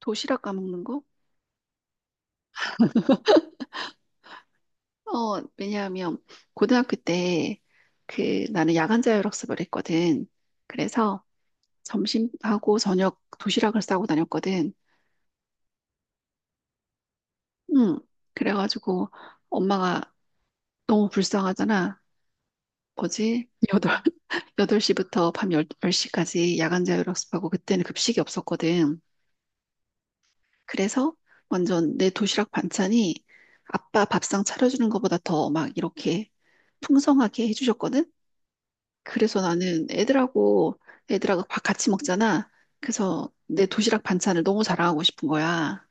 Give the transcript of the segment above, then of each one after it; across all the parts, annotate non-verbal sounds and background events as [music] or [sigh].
도시락 까먹는 거? 왜냐하면 고등학교 때 나는 야간 자율학습을 했거든. 그래서 점심하고 저녁 도시락을 싸고 다녔거든. 응. 그래가지고 엄마가 너무 불쌍하잖아. 뭐지? 여덟 [laughs] 8시부터 밤 10 시까지 야간 자율학습하고 그때는 급식이 없었거든. 그래서 완전 내 도시락 반찬이 아빠 밥상 차려주는 것보다 더 막 이렇게 풍성하게 해주셨거든. 그래서 나는 애들하고 밥 같이 먹잖아. 그래서 내 도시락 반찬을 너무 자랑하고 싶은 거야.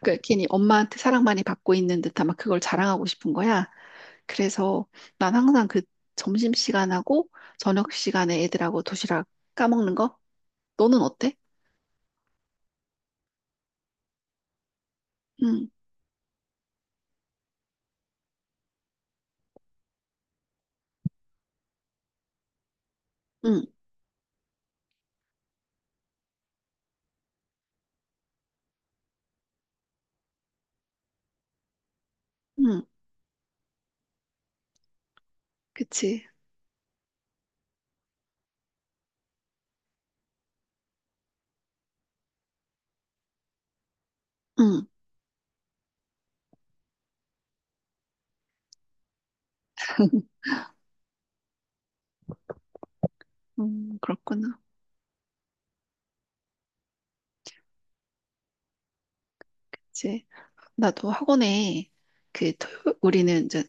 그러니까 괜히 엄마한테 사랑 많이 받고 있는 듯한 막 그걸 자랑하고 싶은 거야. 그래서 난 항상 점심 시간하고 저녁 시간에 애들하고 도시락 까먹는 거? 너는 어때? 응, 응, 응. 그치. 응. 그렇구나. 그치. 나도 학원에. 우리는 이제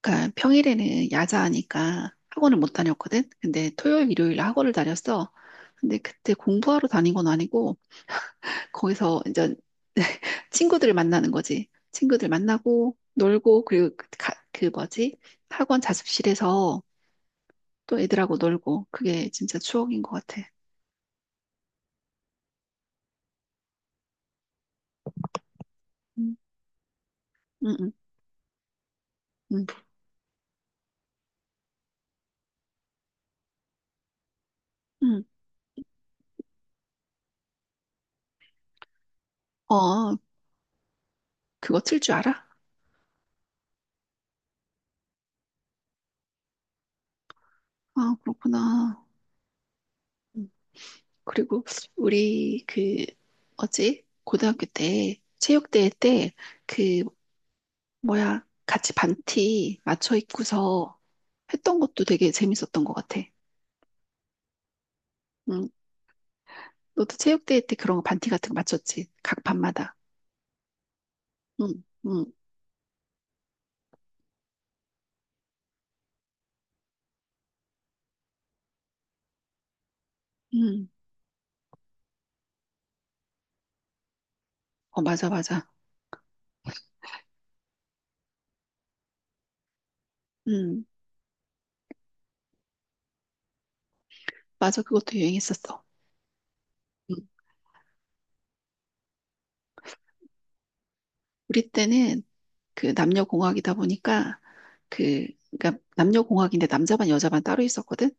그러니까 평일에는 야자하니까 학원을 못 다녔거든. 근데 토요일, 일요일 학원을 다녔어. 근데 그때 공부하러 다닌 건 아니고 거기서 이제 [laughs] 친구들을 만나는 거지. 친구들 만나고 놀고 그리고 뭐지? 학원 자습실에서 또 애들하고 놀고 그게 진짜 추억인 것 같아. 응, 응, 응, 응. 응. 어, 그거 틀 줄 알아? 아, 그렇구나. 음. 그리고 우리 그 어지 고등학교 때 체육대회 때 그 뭐야 같이 반티 맞춰 입고서 했던 것도 되게 재밌었던 것 같아. 응. 너도 체육대회 때 그런 거 반티 같은 거 맞췄지? 각 반마다. 응, 응, 응. 어, 맞아, 맞아. 응, 맞아. 그것도 유행했었어. 응. 우리 때는 남녀공학이다 보니까 그 그러니까 남녀공학인데 남자반 여자반 따로 있었거든.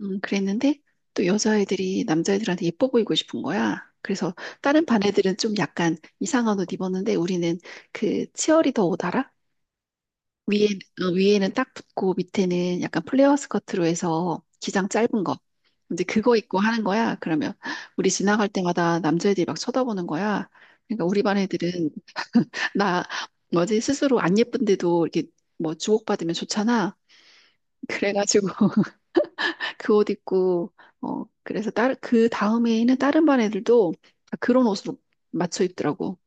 그랬는데 또 여자애들이 남자애들한테 예뻐 보이고 싶은 거야. 그래서 다른 반 애들은 좀 약간 이상한 옷 입었는데 우리는 그 치어리더 옷 알아? 위에, 위에는 딱 붙고 밑에는 약간 플레어 스커트로 해서 기장 짧은 거. 이제 그거 입고 하는 거야. 그러면 우리 지나갈 때마다 남자애들이 막 쳐다보는 거야. 그러니까 우리 반 애들은 [laughs] 나 뭐지 스스로 안 예쁜데도 이렇게 뭐 주목받으면 좋잖아. 그래가지고 그 옷 입고 그래서 다른 그 다음에 있는 다른 반 애들도 다 그런 옷으로 맞춰 입더라고.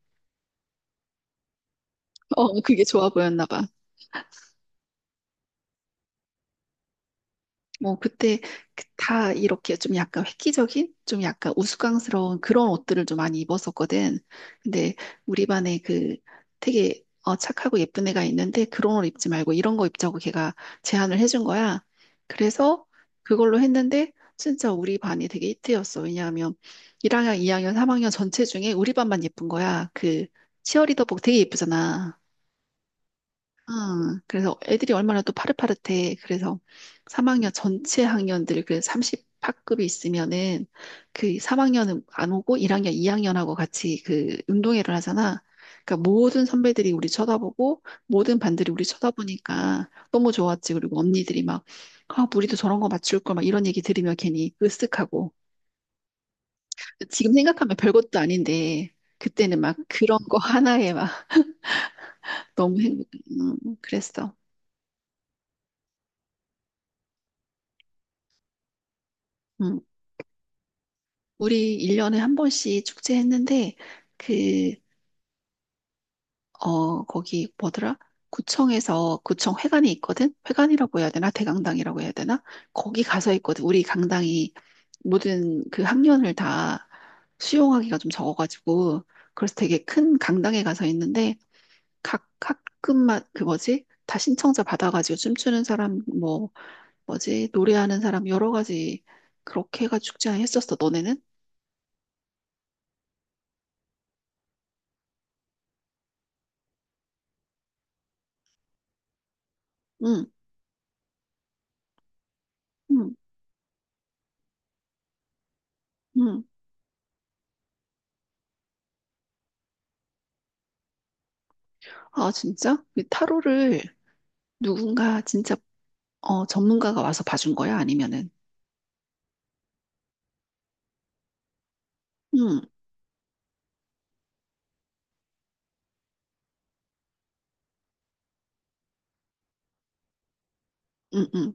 [laughs] 그게 좋아 보였나 봐. 뭐 그때 그다 이렇게 좀 약간 획기적인, 좀 약간 우스꽝스러운 그런 옷들을 좀 많이 입었었거든. 근데 우리 반에 되게 착하고 예쁜 애가 있는데 그런 옷 입지 말고 이런 거 입자고 걔가 제안을 해준 거야. 그래서 그걸로 했는데 진짜 우리 반이 되게 히트였어. 왜냐하면 1학년, 2학년, 3학년 전체 중에 우리 반만 예쁜 거야. 그 치어리더복 되게 예쁘잖아. 아, 그래서 애들이 얼마나 또 파릇파릇해. 그래서 3학년 전체 학년들 그 30학급이 있으면은 그 3학년은 안 오고 1학년, 2학년하고 같이 그 운동회를 하잖아. 그러니까 모든 선배들이 우리 쳐다보고 모든 반들이 우리 쳐다보니까 너무 좋았지. 그리고 언니들이 막 아, 우리도 저런 거 맞출 걸 막 이런 얘기 들으면 괜히 으쓱하고 지금 생각하면 별것도 아닌데 그때는 막 그런 거 하나에 막 [laughs] 너무 그랬어. 음. 우리 1년에 한 번씩 축제했는데, 그, 거기 뭐더라? 구청 회관이 있거든? 회관이라고 해야 되나? 대강당이라고 해야 되나? 거기 가서 있거든. 우리 강당이 모든 그 학년을 다 수용하기가 좀 적어가지고, 그래서 되게 큰 강당에 가서 있는데, 각 학급마다, 그 뭐지? 다 신청자 받아가지고 춤추는 사람, 뭐, 뭐지? 노래하는 사람 여러 가지 그렇게 해가 축제 했었어, 너네는? 응, 응, 응. 아, 진짜? 이 타로를 누군가 진짜 전문가가 와서 봐준 거야? 아니면은? 응, 응, 응.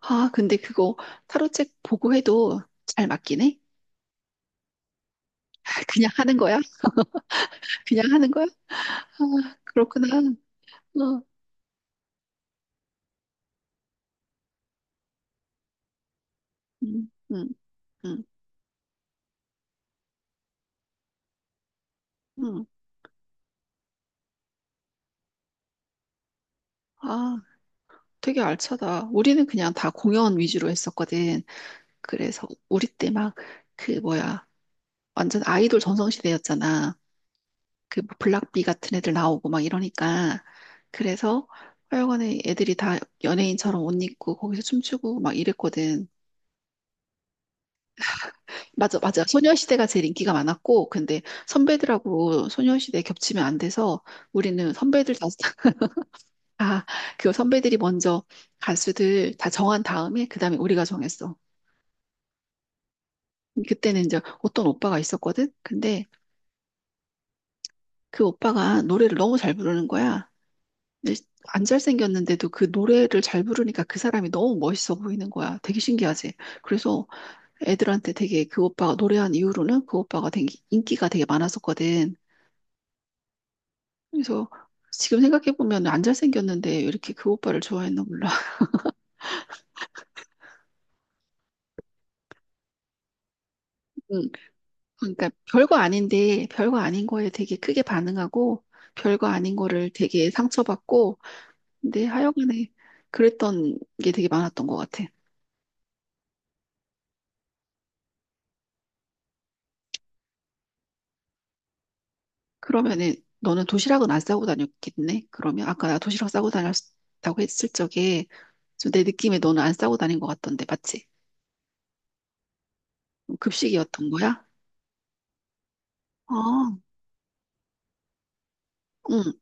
아, 근데 그거 타로 책 보고 해도 잘 맞긴 해? [laughs] 그냥 하는 거야? 그냥 하는 거야? 아, 그렇구나. 어, 응, 응, 응, 응. 아, 되게 알차다. 우리는 그냥 다 공연 위주로 했었거든. 그래서 우리 때 막 그 뭐야. 완전 아이돌 전성시대였잖아. 그 뭐 블락비 같은 애들 나오고 막 이러니까 그래서 하여간에 애들이 다 연예인처럼 옷 입고 거기서 춤추고 막 이랬거든. 맞아, 맞아. 소녀시대가 제일 인기가 많았고 근데 선배들하고 소녀시대 겹치면 안 돼서 우리는 선배들 다, [laughs] 아, 그 선배들이 먼저 가수들 다 정한 다음에 그다음에 우리가 정했어. 그때는 이제 어떤 오빠가 있었거든. 근데 그 오빠가 노래를 너무 잘 부르는 거야. 근데 안 잘생겼는데도 그 노래를 잘 부르니까 그 사람이 너무 멋있어 보이는 거야. 되게 신기하지? 그래서 애들한테 되게 그 오빠가 노래한 이후로는 그 오빠가 되게 인기가 되게 많았었거든. 그래서 지금 생각해보면 안 잘생겼는데 왜 이렇게 그 오빠를 좋아했나 몰라. [laughs] 응. 그러니까 별거 아닌데 별거 아닌 거에 되게 크게 반응하고 별거 아닌 거를 되게 상처받고 근데 하여간에 그랬던 게 되게 많았던 것 같아. 그러면은 너는 도시락은 안 싸고 다녔겠네? 그러면 아까 나 도시락 싸고 다녔다고 했을 적에 좀 내 느낌에 너는 안 싸고 다닌 것 같던데, 맞지? 급식이었던 거야? 아, 응.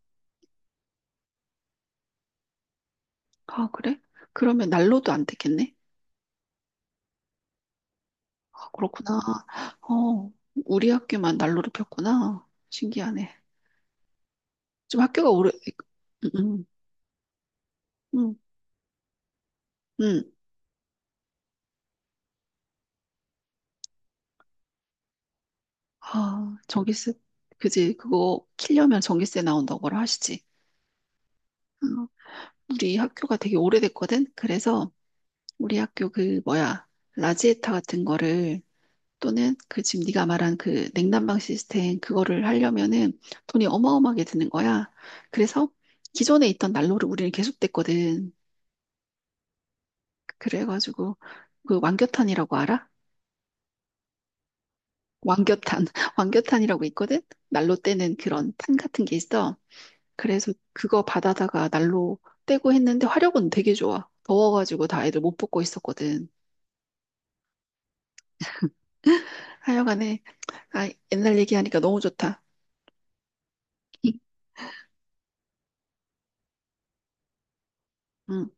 아, 그래? 그러면 난로도 안 됐겠네? 아, 그렇구나. 어, 우리 학교만 난로를 폈구나. 신기하네. 좀 학교가 오래, 응, 응, 응. 아, 전기세, 그지? 그거 키려면 전기세 나온다고 하시지. 응. 우리 학교가 되게 오래됐거든? 그래서 우리 학교 그 뭐야 라지에타 같은 거를 또는 그 지금 네가 말한 그 냉난방 시스템 그거를 하려면은 돈이 어마어마하게 드는 거야. 그래서 기존에 있던 난로를 우리는 계속 뗐거든. 그래가지고 그 왕겨탄이라고 알아? 왕겨탄, [laughs] 왕겨탄이라고 있거든. 난로 떼는 그런 탄 같은 게 있어. 그래서 그거 받아다가 난로 떼고 했는데 화력은 되게 좋아. 더워가지고 다 애들 못 뽑고 있었거든. 하여간에 아 옛날 얘기하니까 너무 좋다. 응.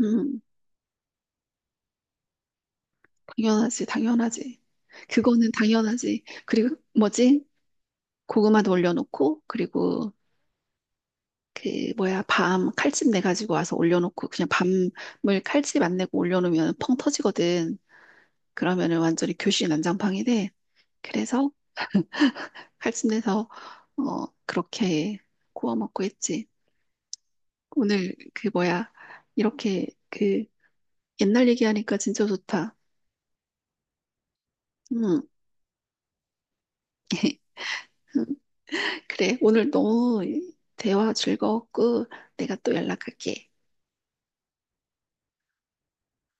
음, 당연하지, 당연하지. 그거는 당연하지. 그리고 뭐지? 고구마도 올려놓고, 그리고 그 뭐야, 밤 칼집 내 가지고 와서 올려놓고, 그냥 밤을 칼집 안 내고 올려놓으면 펑 터지거든. 그러면은 완전히 교실 난장판이 돼. 그래서 칼집 내서 그렇게 구워 먹고 했지. 오늘 그 뭐야, 이렇게 그 옛날 얘기하니까 진짜 좋다. 음, [laughs] 그래, 오늘 너무 대화 즐거웠고, 내가 또 연락할게.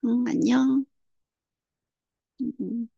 응, 안녕. 음. 음.